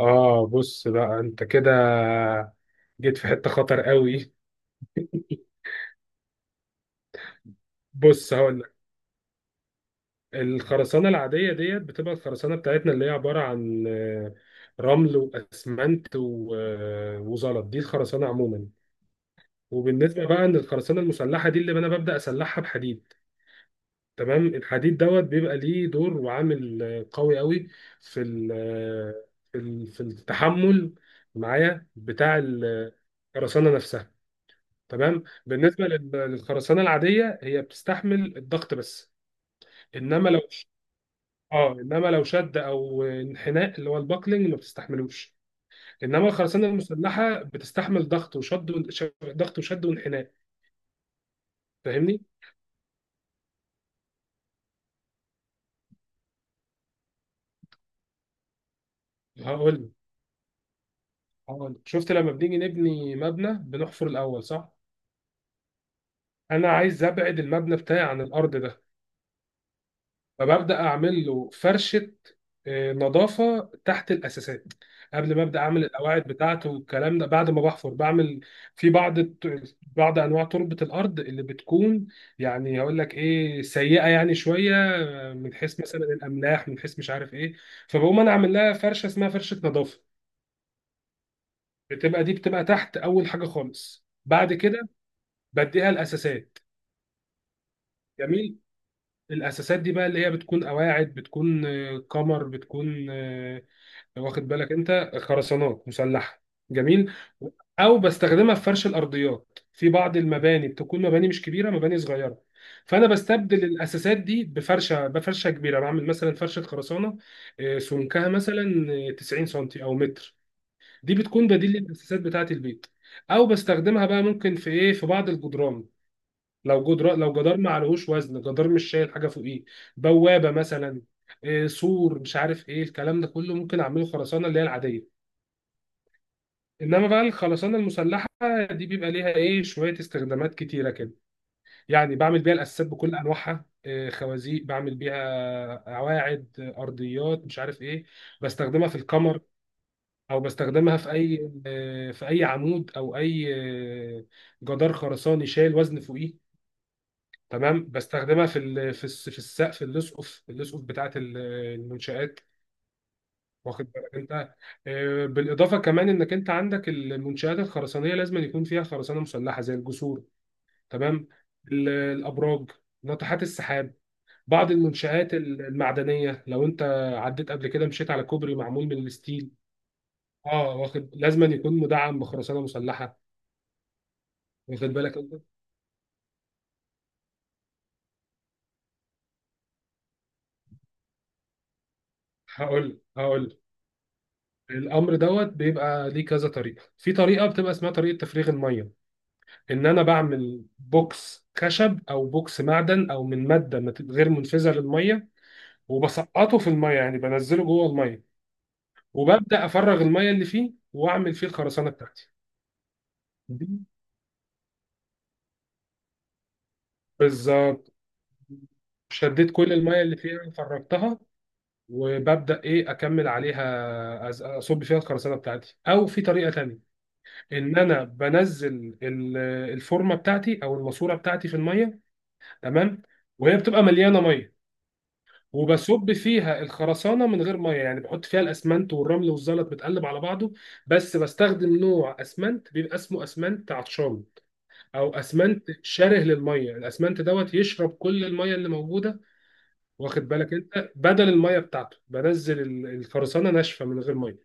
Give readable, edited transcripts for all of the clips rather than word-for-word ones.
اه، بص بقى انت كده جيت في حتة خطر قوي. بص هقول لك، الخرسانة العادية ديت بتبقى الخرسانة بتاعتنا اللي هي عبارة عن رمل واسمنت وزلط. دي الخرسانة عموما. وبالنسبة بقى ان الخرسانة المسلحة دي اللي انا ببدأ اسلحها بحديد. تمام، الحديد دوت بيبقى ليه دور وعامل قوي قوي في في التحمل معايا بتاع الخرسانة نفسها. تمام، للخرسانه العاديه هي بتستحمل الضغط بس. انما لو اه انما لو شد او انحناء اللي هو الباكلينج ما بتستحملوش. انما الخرسانه المسلحه بتستحمل ضغط وشد وانحناء. فاهمني؟ هقول هقول، شفت لما بنيجي نبني مبنى بنحفر الاول صح؟ انا عايز ابعد المبنى بتاعي عن الارض ده، فببدا اعمل له فرشه نظافه تحت الاساسات قبل ما ابدا اعمل القواعد بتاعته والكلام ده. بعد ما بحفر بعمل في بعض انواع تربه الارض اللي بتكون يعني، هقول لك ايه، سيئه يعني شويه، من حيث مثلا الاملاح، من حيث مش عارف ايه. فبقوم انا اعمل لها فرشه اسمها فرشه نظافه. دي بتبقى تحت اول حاجه خالص. بعد كده بديها الاساسات. جميل، الاساسات دي بقى اللي هي بتكون قواعد، بتكون كمر، بتكون واخد بالك انت، خرسانات مسلحه. جميل. او بستخدمها في فرش الارضيات في بعض المباني، بتكون مباني مش كبيره، مباني صغيره. فانا بستبدل الاساسات دي بفرشه كبيره. بعمل مثلا فرشه خرسانه سمكها مثلا 90 سنتي او متر. دي بتكون بديل للاساسات بتاعه البيت. او بستخدمها بقى ممكن في ايه، في بعض الجدران. لو جدار ما عليهوش وزن، جدار مش شايل حاجه فوقيه، بوابه مثلا، سور، مش عارف ايه، الكلام ده كله ممكن اعمله خرسانه اللي هي العاديه. انما بقى الخرسانه المسلحه دي بيبقى ليها ايه، شويه استخدامات كتيره كده. يعني بعمل بيها الاساسات بكل انواعها، خوازيق، بعمل بيها قواعد، ارضيات، مش عارف ايه. بستخدمها في الكمر، او بستخدمها في اي في اي عمود او اي آه، جدار خرساني شايل وزن فوقيه. تمام، بستخدمها في في السقف اللصقف بتاعت المنشآت. واخد بالك انت؟ بالاضافه كمان انك انت عندك المنشات الخرسانيه لازم يكون فيها خرسانه مسلحه زي الجسور. تمام، الابراج، ناطحات السحاب. بعض المنشآت المعدنيه، لو انت عديت قبل كده مشيت على كوبري معمول من الستيل، اه واخد، لازم أن يكون مدعم بخرسانه مسلحه. واخد بالك انت؟ هقول الامر دوت بيبقى ليه كذا طريقه. في طريقه بتبقى اسمها طريقه تفريغ الميه، ان انا بعمل بوكس خشب او بوكس معدن او من ماده غير منفذه للميه، وبسقطه في الميه يعني بنزله جوه الميه، وببدا افرغ الميه اللي فيه واعمل فيه الخرسانه بتاعتي. دي بالظبط، شديت كل الميه اللي فيها فرغتها وببدا ايه، اكمل عليها اصب فيها الخرسانه بتاعتي. او في طريقه تانية، ان انا بنزل الفورمه بتاعتي او الماسوره بتاعتي في الميه. تمام، وهي بتبقى مليانه ميه، وبصب فيها الخرسانه من غير ميه. يعني بحط فيها الاسمنت والرمل والزلط متقلب على بعضه، بس بستخدم نوع اسمنت بيبقى اسمه اسمنت عطشان او اسمنت شره للميه. الاسمنت دوت يشرب كل الميه اللي موجوده. واخد بالك انت؟ بدل الميه بتاعته بنزل الخرسانه ناشفه من غير ميه،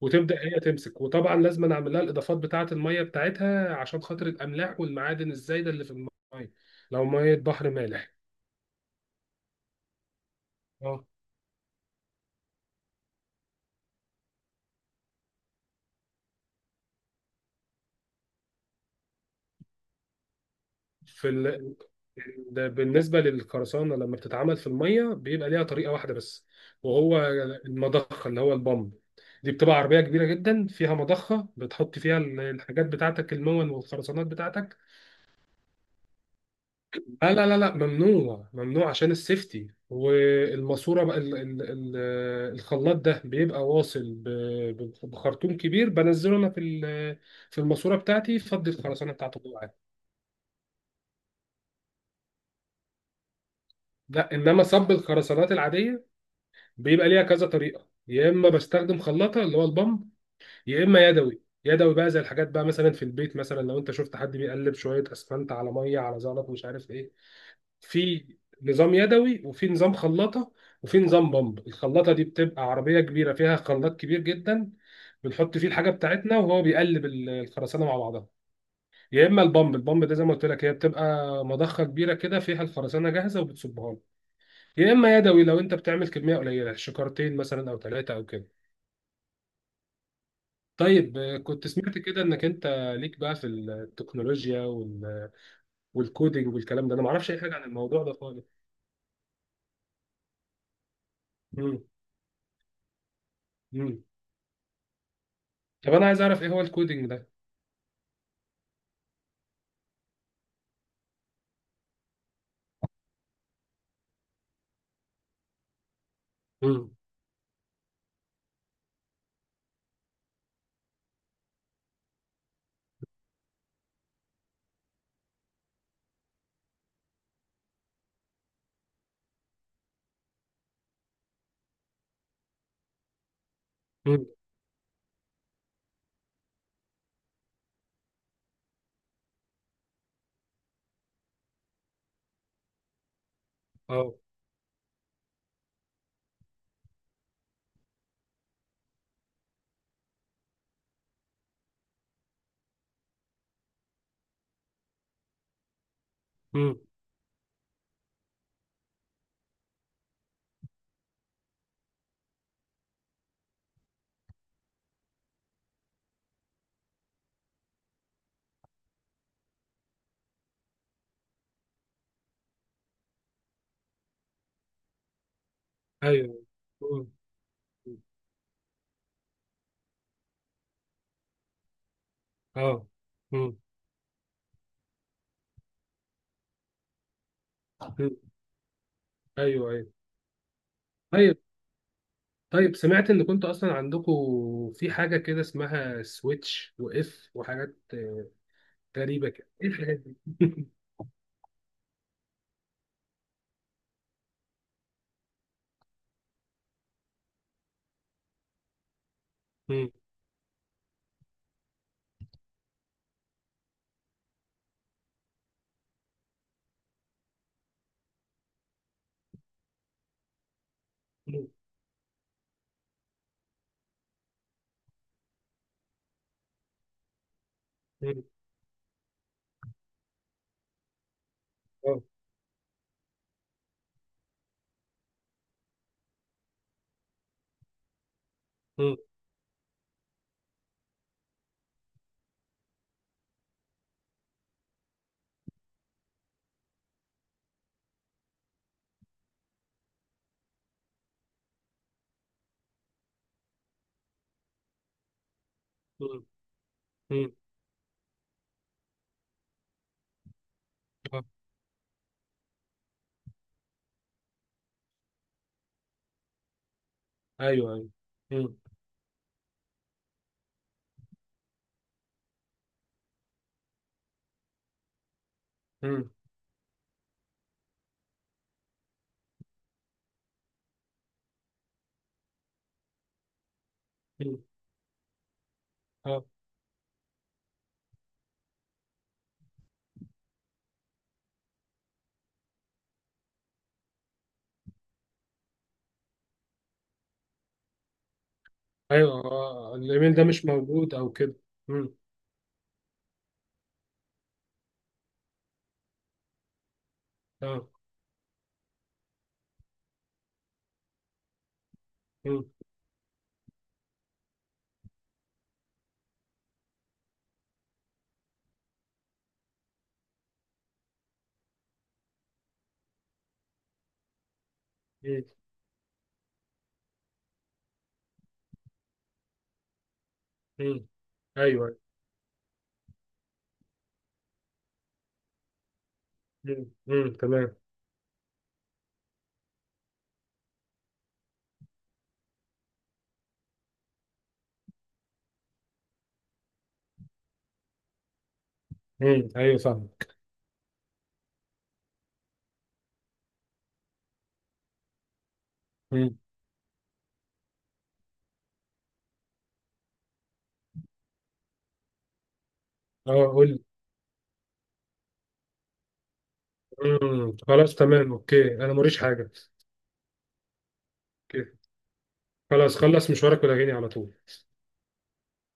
وتبدا هي تمسك. وطبعا لازم أنا اعمل لها الاضافات بتاعه الميه بتاعتها عشان خاطر الاملاح والمعادن الزايده اللي في الميه لو ميه بحر مالح. اه، في بالنسبة للقرصانة لما بتتعمل في المية بيبقى ليها طريقة واحدة بس، وهو المضخة اللي هو البامب. دي بتبقى عربية كبيرة جدا، فيها مضخة، بتحط فيها الحاجات بتاعتك، المون والخرسانات بتاعتك. لا لا لا لا، ممنوع ممنوع، عشان السيفتي. والماسورة بقى، ال ال ال الخلاط ده بيبقى واصل بخرطوم كبير، بنزله انا في في الماسورة بتاعتي، فضي الخرسانة بتاعته جوه عادي. لا، انما صب الخرسانات العادية بيبقى ليها كذا طريقه. يا اما بستخدم خلاطه اللي هو البامب، يا اما يدوي يدوي بقى. زي الحاجات بقى مثلا في البيت مثلا، لو انت شفت حد بيقلب شويه اسفنت على ميه على زلط مش عارف ايه. في نظام يدوي، وفي نظام خلاطه، وفي نظام بامب. الخلاطه دي بتبقى عربيه كبيره فيها خلاط كبير جدا، بنحط فيه الحاجه بتاعتنا وهو بيقلب الخرسانه مع بعضها. يا اما البامب ده زي ما قلت لك هي بتبقى مضخه كبيره كده فيها الخرسانه جاهزه وبتصبها لك. يا اما يدوي لو انت بتعمل كميه قليله، شكارتين مثلا او ثلاثه او كده. طيب كنت سمعت كده انك انت ليك بقى في التكنولوجيا والكودينج والكلام ده. انا ما اعرفش اي حاجه عن الموضوع ده خالص. مم. مم. طب انا عايز اعرف ايه هو الكودينج ده. مم. مم. اه. مم. ايوه. مم. اه. مم. مم. ايوه ايوه. طيب. طيب سمعت ان كنت اصلا عندكم في حاجه كده اسمها سويتش واف وحاجات غريبه كده، ايه الحاجات دي؟ مم. مم. مم. اه. مم. مم. مم. آه. ايوه ايوه. مم. مم. مم. اه. ايوه آه. آه. الايميل ده مش موجود او كده. مم. اه. مم. مم. مم. ايوه. مم. مم. تمام. مم. ايوه فاهمك. مم. اه، قول لي. مم. خلاص تمام، اوكي، انا موريش حاجه. اوكي. خلاص، خلص مشوارك ولا على طول؟